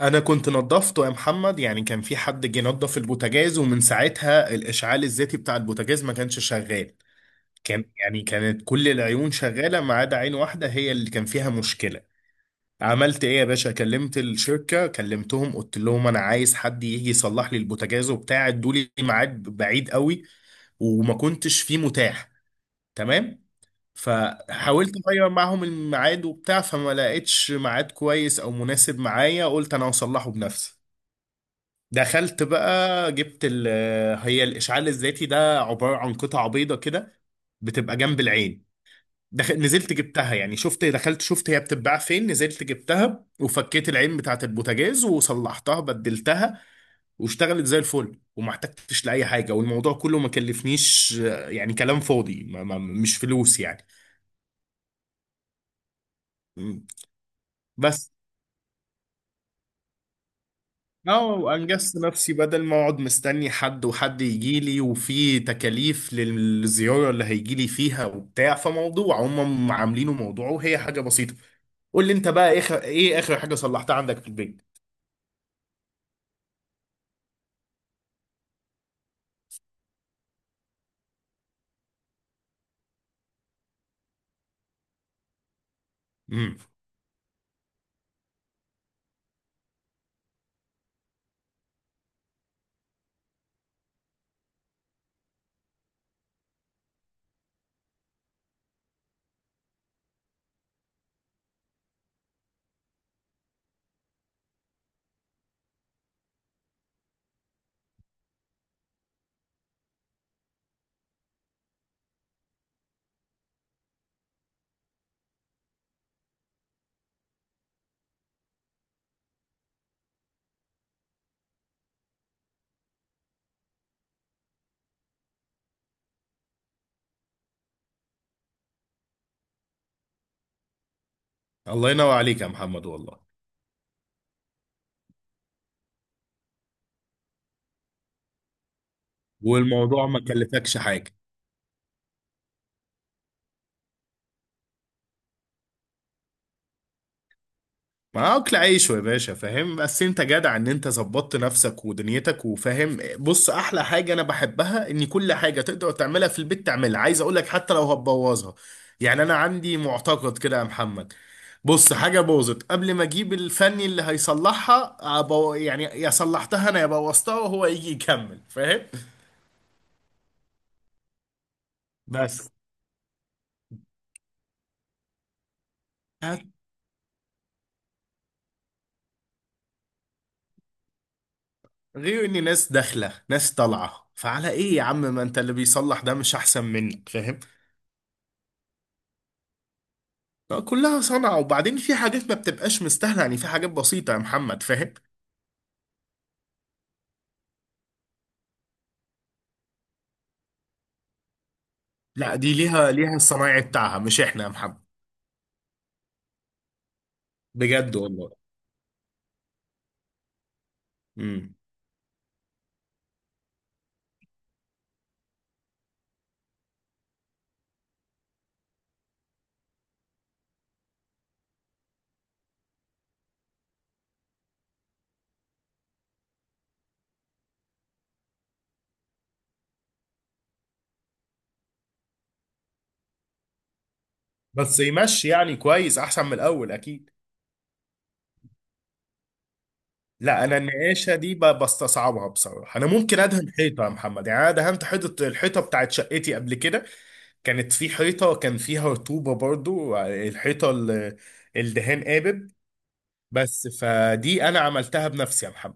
انا كنت نظفته يا محمد، يعني كان في حد جه نظف البوتاجاز ومن ساعتها الاشعال الذاتي بتاع البوتاجاز ما كانش شغال. يعني كانت كل العيون شغاله ما عدا عين واحده هي اللي كان فيها مشكله. عملت ايه يا باشا؟ كلمت الشركه، كلمتهم، قلت لهم انا عايز حد يجي يصلح لي البوتاجاز وبتاع، ادوا لي ميعاد بعيد قوي وما كنتش فيه متاح. تمام. فحاولت اغير معاهم الميعاد وبتاع، فما لقيتش ميعاد كويس او مناسب معايا، قلت انا هصلحه بنفسي. دخلت بقى جبت ال آه، هي الإشعال الذاتي ده عبارة عن قطعة بيضة كده، بتبقى جنب العين. نزلت جبتها، يعني شفت، دخلت شفت هي بتتباع فين، نزلت جبتها وفكيت العين بتاعت البوتاجاز وصلحتها، بدلتها، واشتغلت زي الفل وما احتجتش لأي حاجة. والموضوع كله ما كلفنيش، يعني كلام فاضي، ما ما مش فلوس يعني. م. بس اه، انجزت نفسي بدل ما اقعد مستني حد، وحد يجي لي وفي تكاليف للزياره اللي هيجي لي فيها وبتاع، فموضوع هم عاملينه موضوع وهي حاجه بسيطه. قول لي انت بقى، اخر حاجه صلحتها عندك في البيت؟ امم. الله ينور عليك يا محمد، والله. والموضوع ما كلفكش حاجه. ما اكل عيش يا باشا، فاهم؟ بس انت جدع ان انت ظبطت نفسك ودنيتك، وفاهم، بص احلى حاجه انا بحبها ان كل حاجه تقدر تعملها في البيت تعملها، عايز اقول لك حتى لو هتبوظها. يعني انا عندي معتقد كده يا محمد، بص، حاجه باظت قبل ما اجيب الفني اللي هيصلحها، يعني يا صلحتها انا يا بوظتها وهو يجي يكمل، فاهم؟ بس هت- غير ان ناس داخله ناس طالعه، فعلى ايه يا عم؟ ما انت اللي بيصلح ده مش احسن منك، فاهم؟ لا، كلها صنعة، وبعدين في حاجات ما بتبقاش مستاهلة يعني، في حاجات بسيطة يا محمد، فاهم؟ لا دي ليها الصنايعي بتاعها مش احنا يا محمد. بجد والله. امم. بس يمشي يعني كويس، احسن من الاول اكيد. لا انا النقاشة دي بستصعبها بصراحة، انا ممكن ادهن حيطة يا محمد، يعني انا دهنت حيطة، الحيطة بتاعت شقتي قبل كده، كانت في حيطة كان فيها رطوبة، برضو الحيطة الدهان قابب، بس فدي انا عملتها بنفسي يا محمد.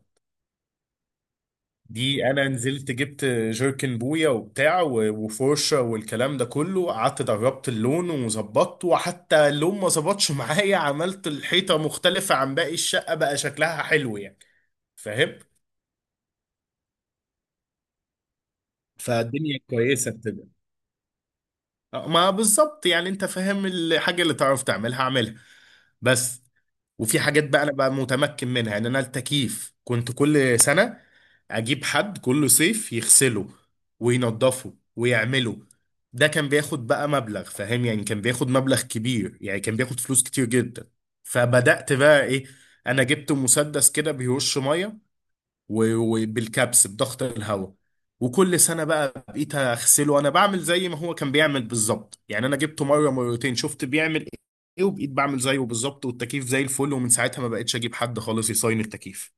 دي انا نزلت جبت جيركن بويا وبتاع و- وفرشه والكلام ده كله، قعدت دربت اللون وظبطته، وحتى اللون ما ظبطش معايا، عملت الحيطه مختلفه عن باقي الشقه، بقى شكلها حلو يعني، فاهم؟ فالدنيا كويسه بتبقى. ما بالظبط، يعني انت فاهم، الحاجه اللي تعرف تعملها اعملها بس. وفي حاجات بقى انا بقى متمكن منها، يعني انا التكييف كنت كل سنه اجيب حد كل صيف يغسله وينضفه ويعمله، ده كان بياخد بقى مبلغ، فاهم؟ يعني كان بياخد مبلغ كبير، يعني كان بياخد فلوس كتير جدا. فبدأت بقى ايه، انا جبت مسدس كده بيرش ميه و- وبالكبس بضغط الهواء، وكل سنه بقى بقيت اغسله انا، بعمل زي ما هو كان بيعمل بالظبط، يعني انا جبته مره مرتين شفت بيعمل ايه وبقيت بعمل زيه بالظبط، والتكييف زي الفل، ومن ساعتها ما بقتش اجيب حد خالص يصين التكييف.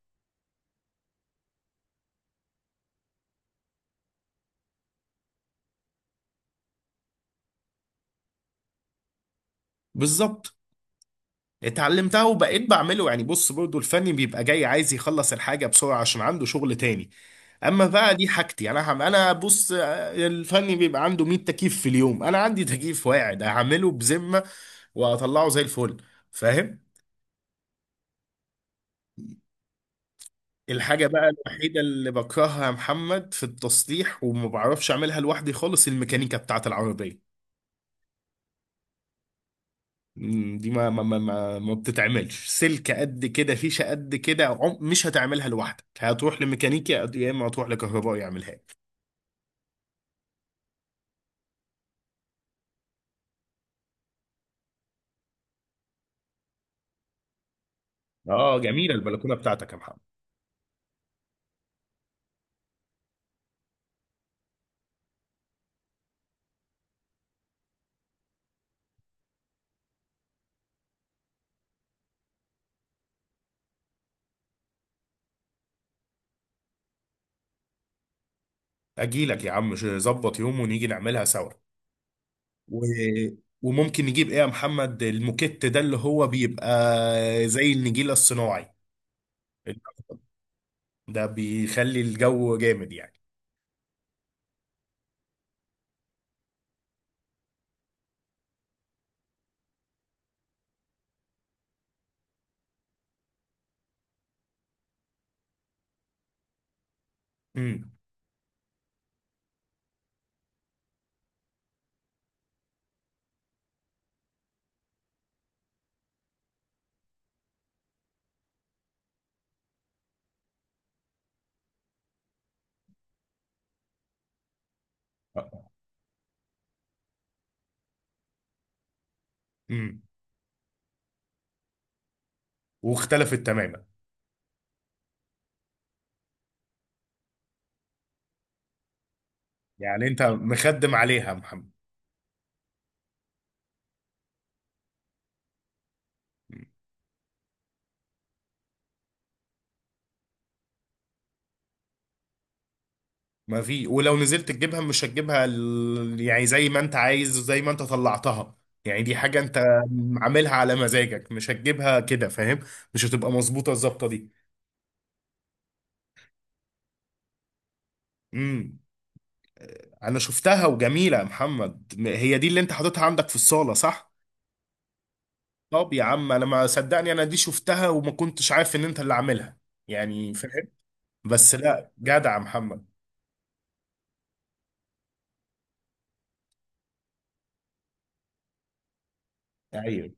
بالظبط. اتعلمتها وبقيت بعمله، يعني بص برضو الفني بيبقى جاي عايز يخلص الحاجة بسرعة عشان عنده شغل تاني، اما بقى دي حاجتي انا، هم انا بص، الفني بيبقى عنده 100 تكييف في اليوم، انا عندي تكييف واحد هعمله بذمة واطلعه زي الفل، فاهم؟ الحاجة بقى الوحيدة اللي بكرهها يا محمد في التصليح وما بعرفش أعملها لوحدي خالص الميكانيكا بتاعة العربية. دي ما بتتعملش، سلك قد كده، فيشة قد كده، مش هتعملها لوحدك، هتروح لميكانيكي يا إما هتروح لكهربائي يعملها لك. آه جميلة البلكونة بتاعتك يا محمد. أجيلك يا عم، ظبط يوم ونيجي نعملها سوا. و... وممكن نجيب إيه يا محمد، الموكيت ده اللي هو بيبقى زي النجيلة الصناعي، ده بيخلي الجو جامد يعني. امم. امم. واختلفت تماما. يعني انت مخدم عليها يا محمد. مم. ما في، ولو نزلت تجيبها مش هتجيبها، يعني زي ما انت عايز، زي ما انت طلعتها، يعني دي حاجة انت عاملها على مزاجك، مش هتجيبها كده، فاهم؟ مش هتبقى مظبوطة الظبطة دي. امم. انا شفتها وجميلة يا محمد، هي دي اللي انت حاططها عندك في الصالة صح؟ طب يا عم انا ما صدقني، انا دي شفتها وما كنتش عارف ان انت اللي عاملها، يعني فاهم؟ بس لا جدع يا محمد. ايوه.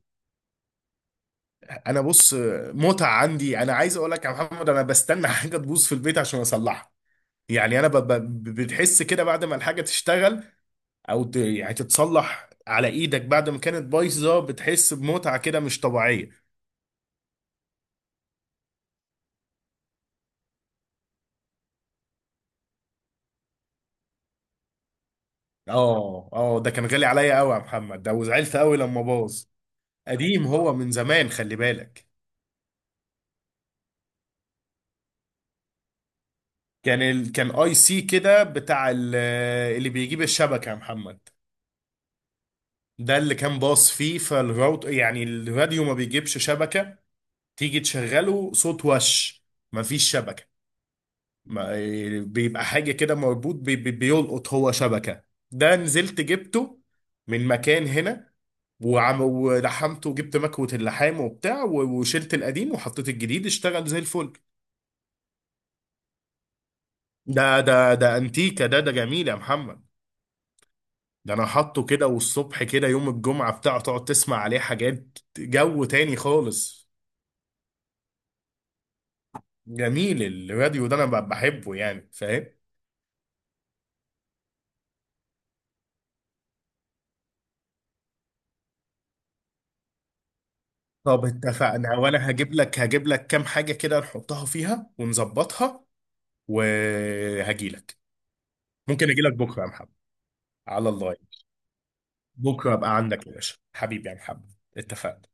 انا بص، متعه عندي، انا عايز اقول لك يا محمد، انا بستنى حاجه تبوظ في البيت عشان اصلحها، يعني انا بتحس كده بعد ما الحاجه تشتغل، او يعني تتصلح على ايدك، بعد ما كانت بايظه بتحس بمتعه كده مش طبيعيه. اه، اه، ده كان غالي عليا قوي يا محمد ده، وزعلت قوي لما باظ، قديم هو من زمان، خلي بالك. كان اي سي كده بتاع اللي بيجيب الشبكه يا محمد، ده اللي كان باص فيه فالراوت، يعني الراديو ما بيجيبش شبكه، تيجي تشغله صوت وش مفيش شبكة. ما بيبقى حاجة كده مربوط بي بي بيلقط هو شبكة. ده نزلت جبته من مكان هنا، وعم ولحمته، وجبت مكوة اللحام وبتاع و- وشلت القديم وحطيت الجديد، اشتغل زي الفل. ده انتيكا، ده جميل يا محمد، ده انا حاطه كده، والصبح كده يوم الجمعة بتاعه، تقعد تسمع عليه حاجات جو تاني خالص. جميل. الراديو ده انا بحبه يعني، فاهم؟ طب اتفقنا، وانا هجيب لك كام حاجة كده نحطها فيها ونظبطها، وهجي لك. ممكن اجي لك بكرة يا محمد، على الله يعني. بكرة ابقى عندك يا باشا، حبيبي يا محمد. اتفقنا.